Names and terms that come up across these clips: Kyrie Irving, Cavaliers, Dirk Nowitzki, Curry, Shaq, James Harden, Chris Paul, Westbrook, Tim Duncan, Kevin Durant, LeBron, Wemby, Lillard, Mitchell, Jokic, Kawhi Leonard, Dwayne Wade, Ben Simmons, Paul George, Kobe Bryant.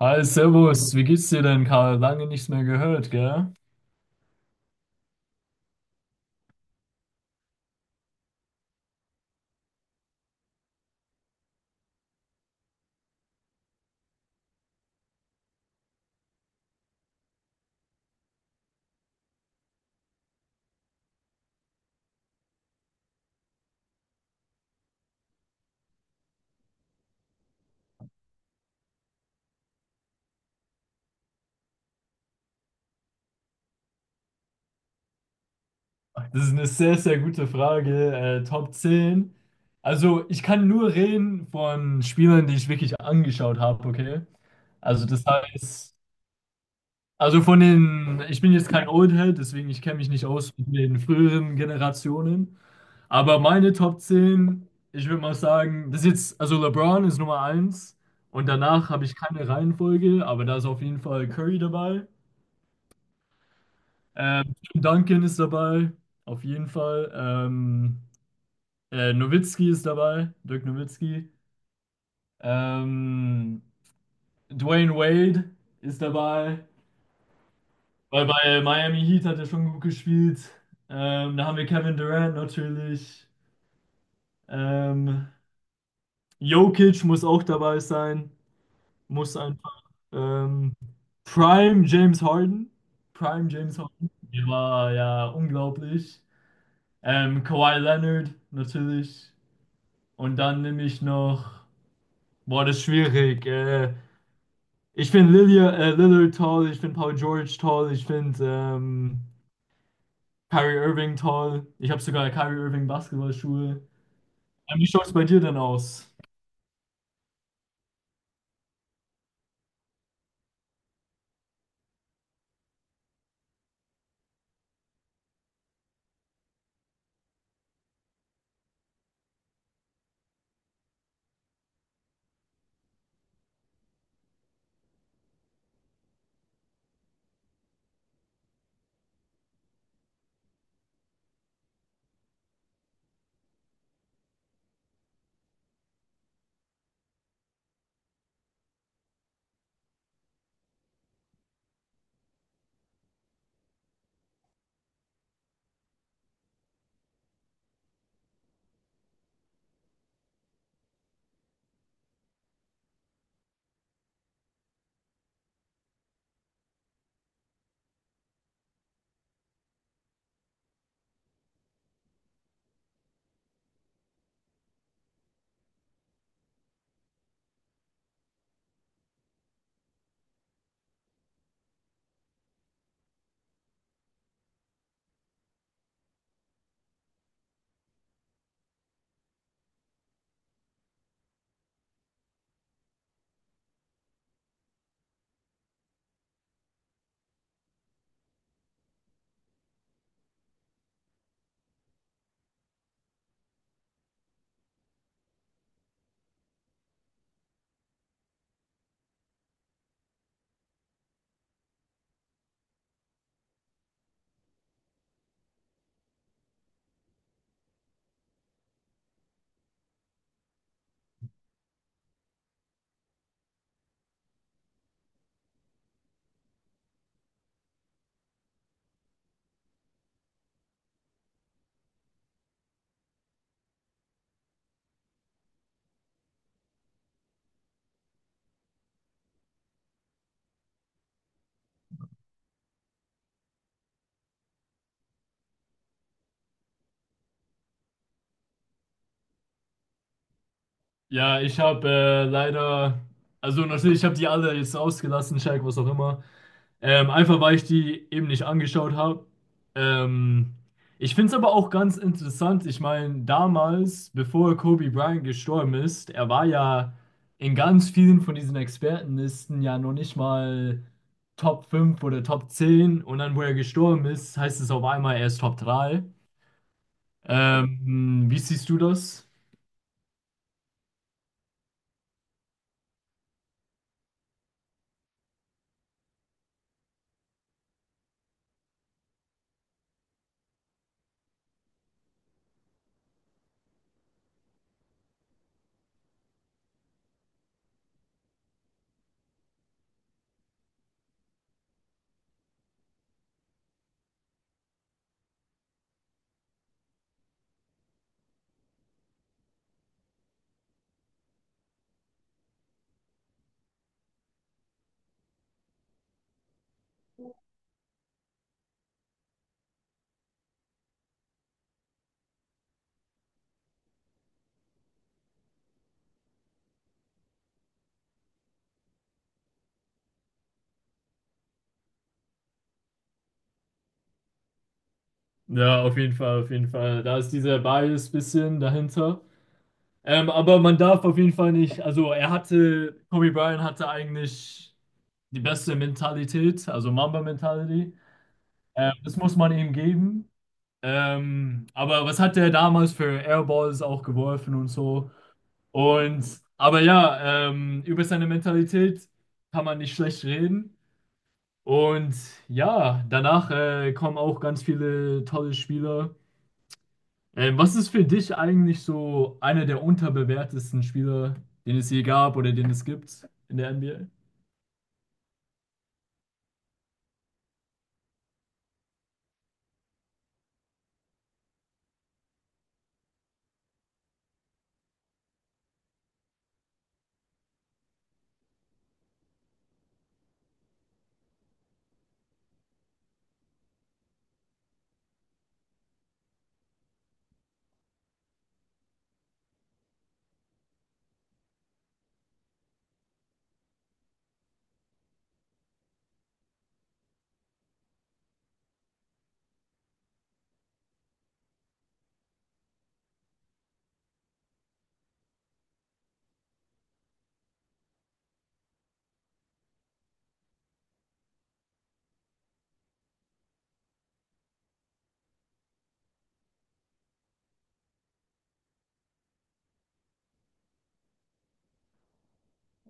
Hi, Servus, wie geht's dir denn, Karl? Lange nichts mehr gehört, gell? Das ist eine sehr, sehr gute Frage. Top 10. Also, ich kann nur reden von Spielern, die ich wirklich angeschaut habe, okay? Also, das heißt, ich bin jetzt kein Oldhead, deswegen ich kenne mich nicht aus mit den früheren Generationen. Aber meine Top 10, ich würde mal sagen, also LeBron ist Nummer eins und danach habe ich keine Reihenfolge, aber da ist auf jeden Fall Curry dabei. Tim Duncan ist dabei, auf jeden Fall. Nowitzki ist dabei, Dirk Nowitzki. Ähm, Dwayne Wade ist dabei, weil bei Miami Heat hat er schon gut gespielt. Da haben wir Kevin Durant natürlich. Ähm, Jokic muss auch dabei sein, muss einfach. Ähm, Prime James Harden. Prime James Harden. Der war ja unglaublich. Kawhi Leonard natürlich. Und dann nehme ich noch. Boah, das ist schwierig. Ich finde Lillard toll, ich finde Paul George toll, ich finde Kyrie Irving toll. Ich habe sogar Kyrie Irving Basketballschuhe. Wie schaut es bei dir denn aus? Ja, ich habe leider. Also natürlich, ich habe die alle jetzt ausgelassen, Shaq, was auch immer. Einfach weil ich die eben nicht angeschaut habe. Ähm, Ich finde es aber auch ganz interessant. Ich meine, damals, bevor Kobe Bryant gestorben ist, er war ja in ganz vielen von diesen Expertenlisten ja noch nicht mal Top 5 oder Top 10. Und dann, wo er gestorben ist, heißt es auf einmal, er ist Top 3. Wie siehst du das? Ja, auf jeden Fall, auf jeden Fall. Da ist dieser Bias bisschen dahinter. Aber man darf auf jeden Fall nicht, also er hatte, Kobe Bryant hatte eigentlich die beste Mentalität, also Mamba-Mentality. Das muss man ihm geben. Aber was hat er damals für Airballs auch geworfen und so? Und, aber ja, über seine Mentalität kann man nicht schlecht reden. Und ja, danach kommen auch ganz viele tolle Spieler. Was ist für dich eigentlich so einer der unterbewertesten Spieler, den es je gab oder den es gibt in der NBA?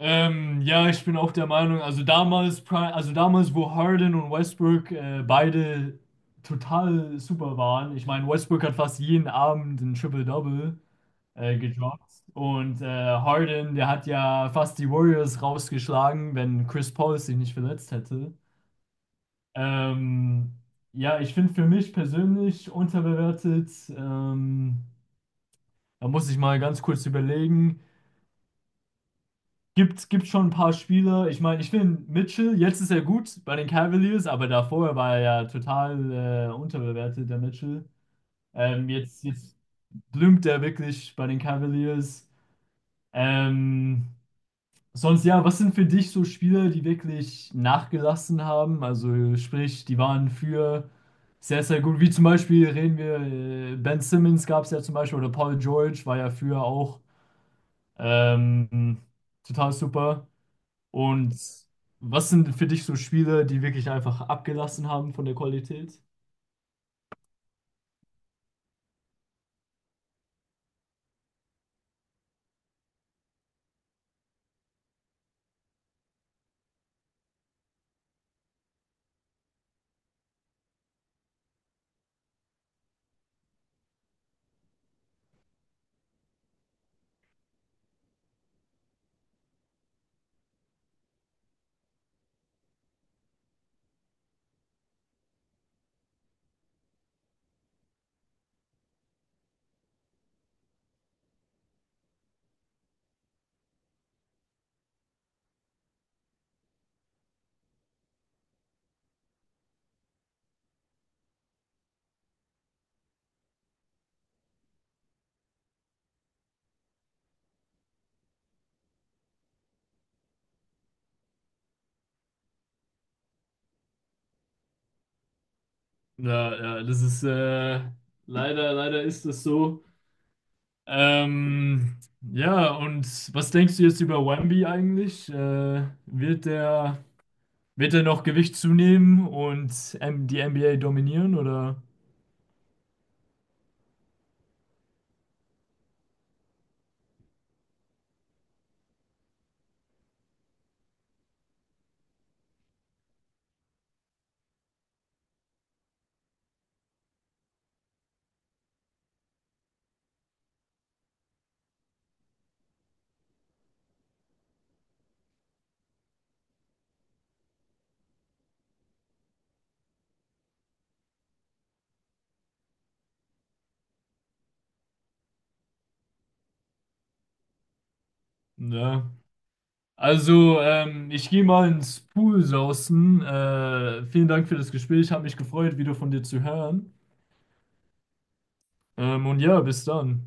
Ja, ich bin auch der Meinung, also damals, wo Harden und Westbrook beide total super waren. Ich meine, Westbrook hat fast jeden Abend ein Triple-Double gedroppt. Und Harden, der hat ja fast die Warriors rausgeschlagen, wenn Chris Paul sich nicht verletzt hätte. Ähm, ja, ich finde für mich persönlich unterbewertet. Da muss ich mal ganz kurz überlegen. Gibt schon ein paar Spieler. Ich meine, ich finde Mitchell, jetzt ist er gut bei den Cavaliers, aber davor war er ja total unterbewertet, der Mitchell. Jetzt blümt er wirklich bei den Cavaliers. Ähm, Sonst ja, was sind für dich so Spiele, die wirklich nachgelassen haben? Also sprich, die waren für sehr, sehr gut. Wie zum Beispiel reden wir, Ben Simmons gab es ja zum Beispiel oder Paul George war ja früher auch ähm, total super. Und was sind für dich so Spiele, die wirklich einfach abgelassen haben von der Qualität? Ja, ja, das ist leider ist es so. Ähm, ja, und was denkst du jetzt über Wemby eigentlich? Wird er noch Gewicht zunehmen und die NBA dominieren oder? Ja. Also, ich gehe mal ins Pool sausen. Vielen Dank für das Gespräch. Hat mich gefreut, wieder von dir zu hören. Und ja, bis dann.